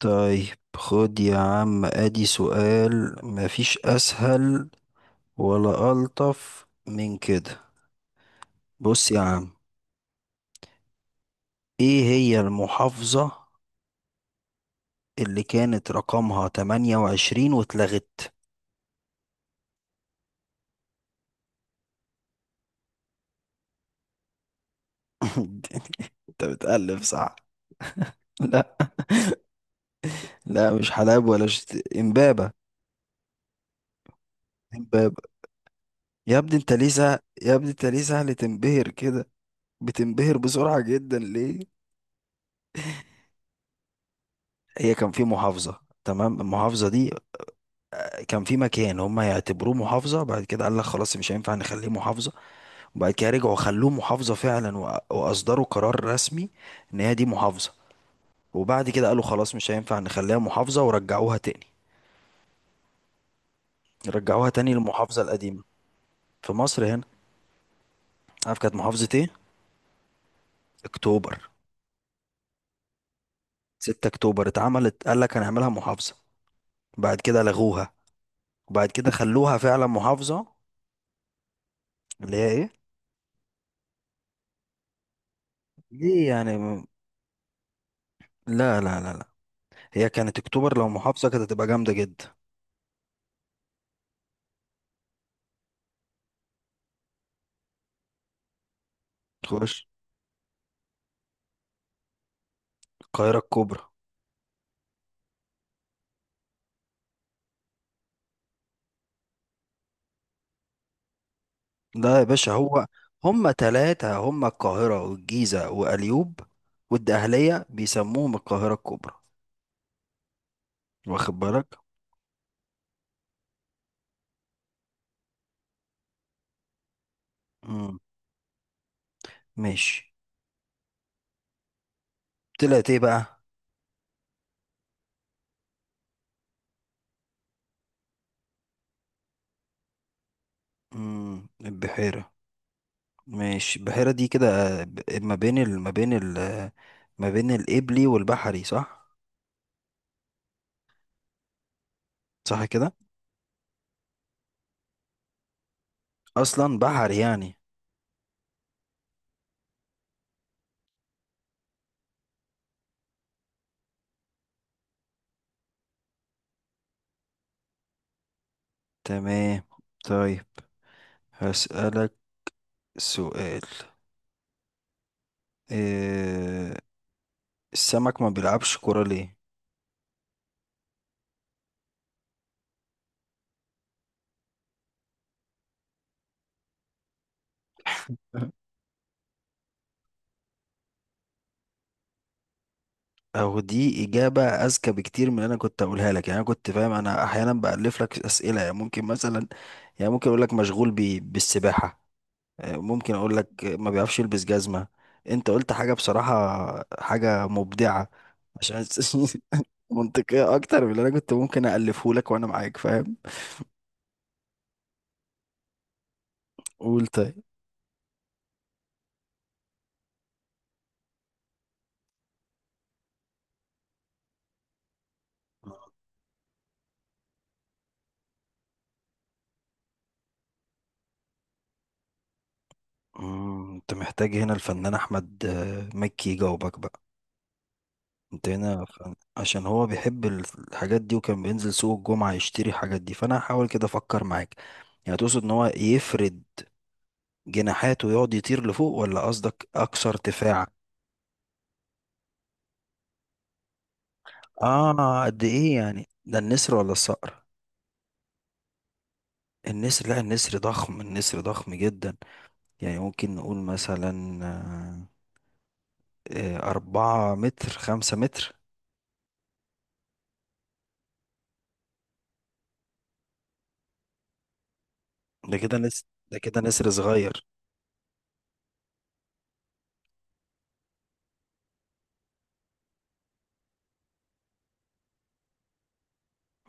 طيب، خد يا عم، ادي سؤال مفيش اسهل ولا الطف من كده. بص يا عم، ايه هي المحافظة اللي كانت رقمها 28 واتلغت؟ انت بتألف صح. لا، لا مش حلب ولا امبابة. امبابة. يا ابني انت ليه سهل تنبهر كده؟ بتنبهر بسرعة جدا ليه؟ هي كان في محافظة، تمام؟ المحافظة دي كان في مكان هم يعتبروه محافظة، بعد كده قال لك خلاص مش هينفع نخليه محافظة، وبعد كده رجعوا خلوه محافظة فعلا، وأ- وأصدروا قرار رسمي إن هي دي محافظة، وبعد كده قالوا خلاص مش هينفع نخليها محافظة ورجعوها تاني. رجعوها تاني للمحافظة القديمة. في مصر هنا. عارف كانت محافظة ايه؟ أكتوبر. 6 أكتوبر اتعملت، قال لك هنعملها محافظة، بعد كده لغوها، وبعد كده خلوها فعلا محافظة. اللي هي ايه؟ ليه يعني لا لا لا لا، هي كانت أكتوبر لو محافظة كانت هتبقى جامدة جدا. خش. القاهرة الكبرى. ده يا باشا هو، هما تلاتة: هما القاهرة والجيزة وأليوب والدقهلية، بيسموهم القاهرة الكبرى. واخد بالك؟ مم. ماشي. طلعت ايه بقى؟ مم. البحيرة. ماشي، البحيرة دي كده ما بين ال... ما بين ال... ما بين الإبلي والبحري صح؟ صح كده؟ أصلا بحري يعني. تمام. طيب، هسألك سؤال. إيه... السمك ما بيلعبش كرة ليه؟ او دي اجابه اذكى بكتير من اللي انا كنت اقولها لك. يعني انا كنت فاهم، انا احيانا بالف لك اسئله، يعني ممكن مثلا، يعني ممكن اقول لك مشغول بالسباحه، ممكن اقول لك ما بيعرفش يلبس جزمه. انت قلت حاجه بصراحه، حاجه مبدعه، عشان منطقيه اكتر من اللي انا كنت ممكن الفه لك، وانا معاك فاهم. قول. طيب، انت محتاج هنا الفنان احمد مكي يجاوبك بقى. انت هنا عشان هو بيحب الحاجات دي، وكان بينزل سوق الجمعة يشتري الحاجات دي، فانا هحاول كده افكر معاك. يعني تقصد ان هو يفرد جناحاته ويقعد يطير لفوق، ولا قصدك اكثر ارتفاع؟ اه قد ايه يعني؟ ده النسر ولا الصقر؟ النسر؟ لا النسر ضخم، النسر ضخم جدا. يعني ممكن نقول مثلا، آه، 4 متر، 5 متر. ده كده نسر. ده كده نسر صغير.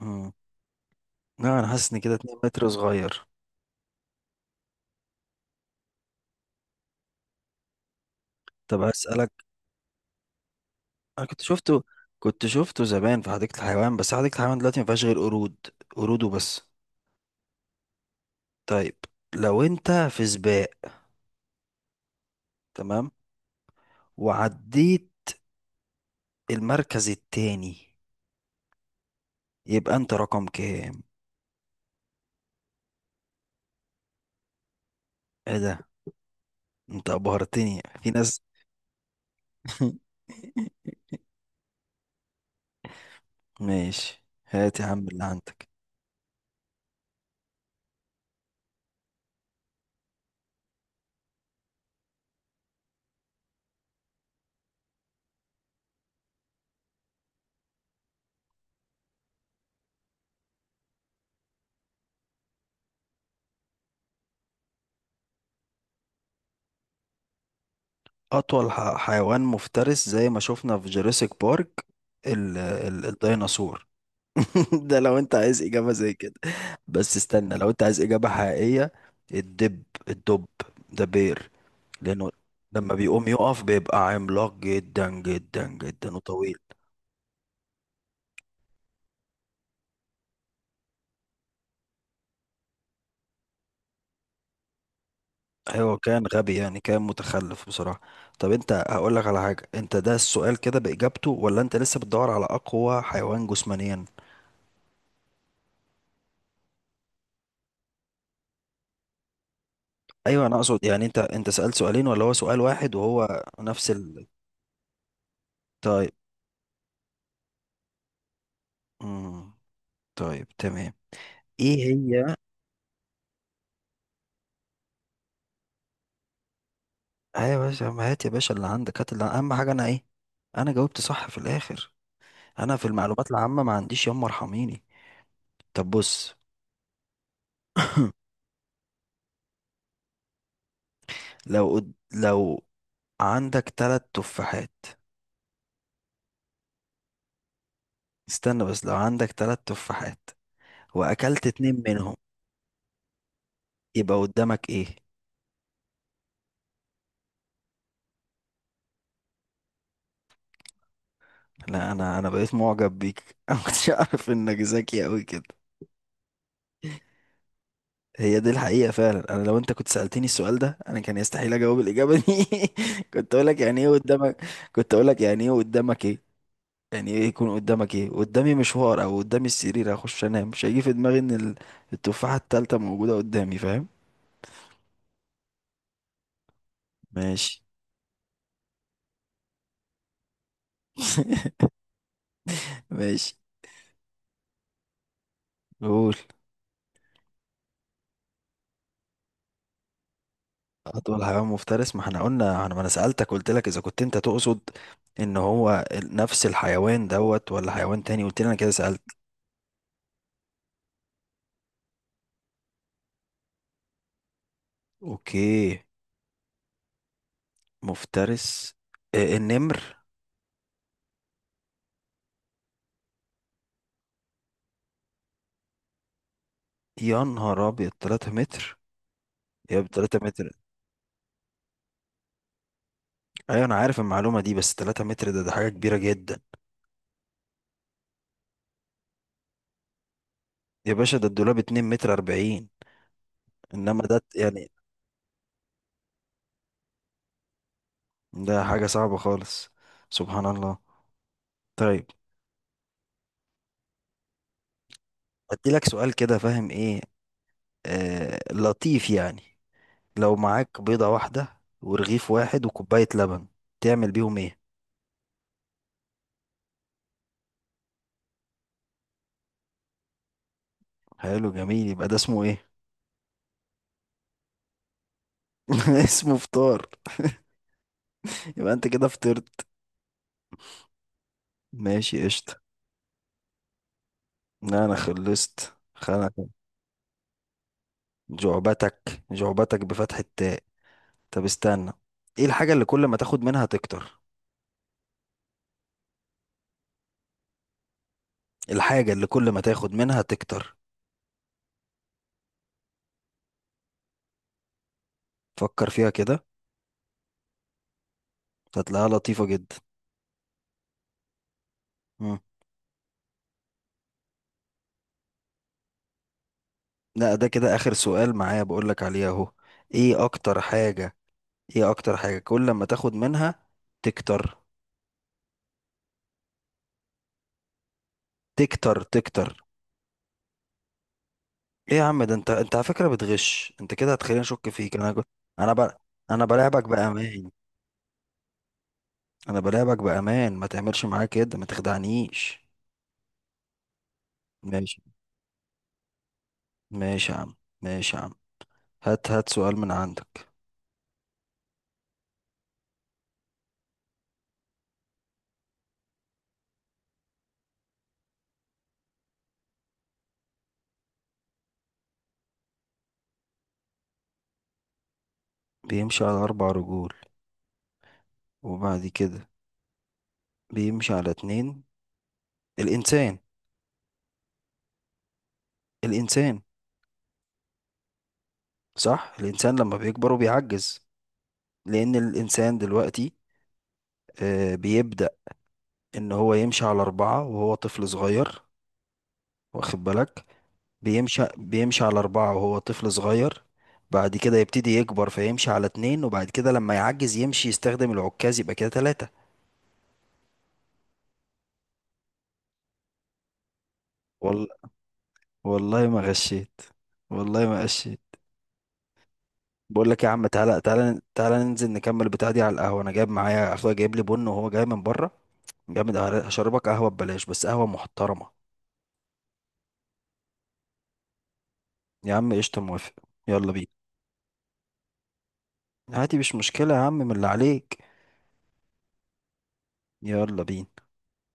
مم. لا أنا حاسس إن كده 2 متر صغير. طب هسألك. انا كنت شفته زمان في حديقة الحيوان، بس حديقة الحيوان دلوقتي ما فيهاش غير قرود. قرود وبس. طيب، لو انت في سباق، تمام، وعديت المركز التاني، يبقى انت رقم كام؟ ايه ده! انت ابهرتني في ناس. ماشي، هات يا عم اللي عندك. اطول حيوان مفترس زي ما شفنا في جوراسيك بارك، الديناصور. ده لو انت عايز اجابه زي كده. بس استنى، لو انت عايز اجابه حقيقيه: الدب. الدب، ده بير. لانه لما بيقوم يقف بيبقى عملاق جدا جدا جدا وطويل. ايوه، كان غبي يعني، كان متخلف بصراحه. طب انت هقول لك على حاجه، انت ده السؤال كده باجابته ولا انت لسه بتدور على اقوى حيوان جسمانيا؟ ايوه انا اقصد، يعني انت سالت سؤالين ولا هو سؤال واحد وهو نفس طيب. امم طيب، تمام. ايه هي؟ ايوه يا باشا، ما هات يا باشا اللي عندك. هات، اللي اهم حاجه انا ايه؟ انا جاوبت صح في الاخر. انا في المعلومات العامه ما عنديش، يما ارحميني. طب بص. لو عندك تلات تفاحات، استنى، بس لو عندك تلات تفاحات واكلت اتنين منهم، يبقى قدامك ايه؟ لا انا بقيت معجب بيك. انا ما كنتش اعرف انك ذكي قوي كده. هي دي الحقيقه فعلا، انا لو انت كنت سالتني السؤال ده، انا كان يستحيل اجاوب الاجابه دي. كنت اقول لك يعني ايه قدامك كنت اقول لك يعني ايه قدامك ايه. يعني ايه يكون قدامك؟ ايه قدامي، مشوار؟ او قدامي السرير هخش انام؟ مش هيجي في دماغي ان التفاحة التالتة موجودة قدامي، فاهم؟ ماشي. ماشي. قول. اطول حيوان مفترس، ما احنا قلنا، انا ما انا سألتك، قلت لك اذا كنت انت تقصد ان هو نفس الحيوان دوت ولا حيوان تاني، قلت لي انا كده سألت. اوكي، مفترس، النمر. يا نهار ابيض، 3 متر! يا 3 متر! ايوه انا عارف المعلومة دي، بس 3 متر ده حاجة كبيرة جدا. يا باشا، ده الدولاب 2 متر 40. انما ده يعني، ده حاجة صعبة خالص. سبحان الله. طيب، ادي لك سؤال كده فاهم ايه، لطيف يعني. لو معاك بيضة واحدة ورغيف واحد وكوباية لبن، تعمل بيهم ايه؟ حلو، جميل، يبقى ده اسمه ايه؟ اسمه فطار. يبقى انت كده فطرت. ماشي، قشطة. لا انا خلصت خلاص. جعبتك، جعبتك بفتح التاء. طب استنى. ايه الحاجة اللي كل ما تاخد منها تكتر؟ الحاجة اللي كل ما تاخد منها تكتر، فكر فيها كده، هتلاقيها لطيفة جدا. مم. لا ده كده آخر سؤال معايا بقولك عليه أهو. إيه أكتر حاجة؟ كل ما تاخد منها تكتر، تكتر، تكتر؟ إيه يا عم ده! أنت على فكرة بتغش. أنت كده هتخليني أشك فيك. أنا أنا ب... أنا بلاعبك بأمان، أنا بلاعبك بأمان، ما تعملش معايا كده، ما تخدعنيش. ماشي. ماشي يا عم، ماشي يا عم. هات، هات سؤال من عندك. بيمشي على أربع رجول، وبعد كده بيمشي على اتنين. الإنسان. الإنسان. صح، الإنسان لما بيكبر وبيعجز. لأن الإنسان دلوقتي بيبدأ إن هو يمشي على أربعة وهو طفل صغير، واخد بالك؟ بيمشي على أربعة وهو طفل صغير، بعد كده يبتدي يكبر فيمشي على اتنين، وبعد كده لما يعجز يمشي يستخدم العكاز يبقى كده تلاتة. والله، والله ما غشيت، والله ما غشيت. بقول لك يا عم، تعالى تعالى تعالى، ننزل نكمل بتاع دي على القهوة. أنا جايب معايا، أخويا جايب لي بن وهو جاي من بره، جامد أوي. هشربك قهوة ببلاش، بس قهوة محترمة. يا عم قشطة، موافق. يلا بينا. هاتي، مش مشكلة يا عم، من اللي عليك. يلا بينا.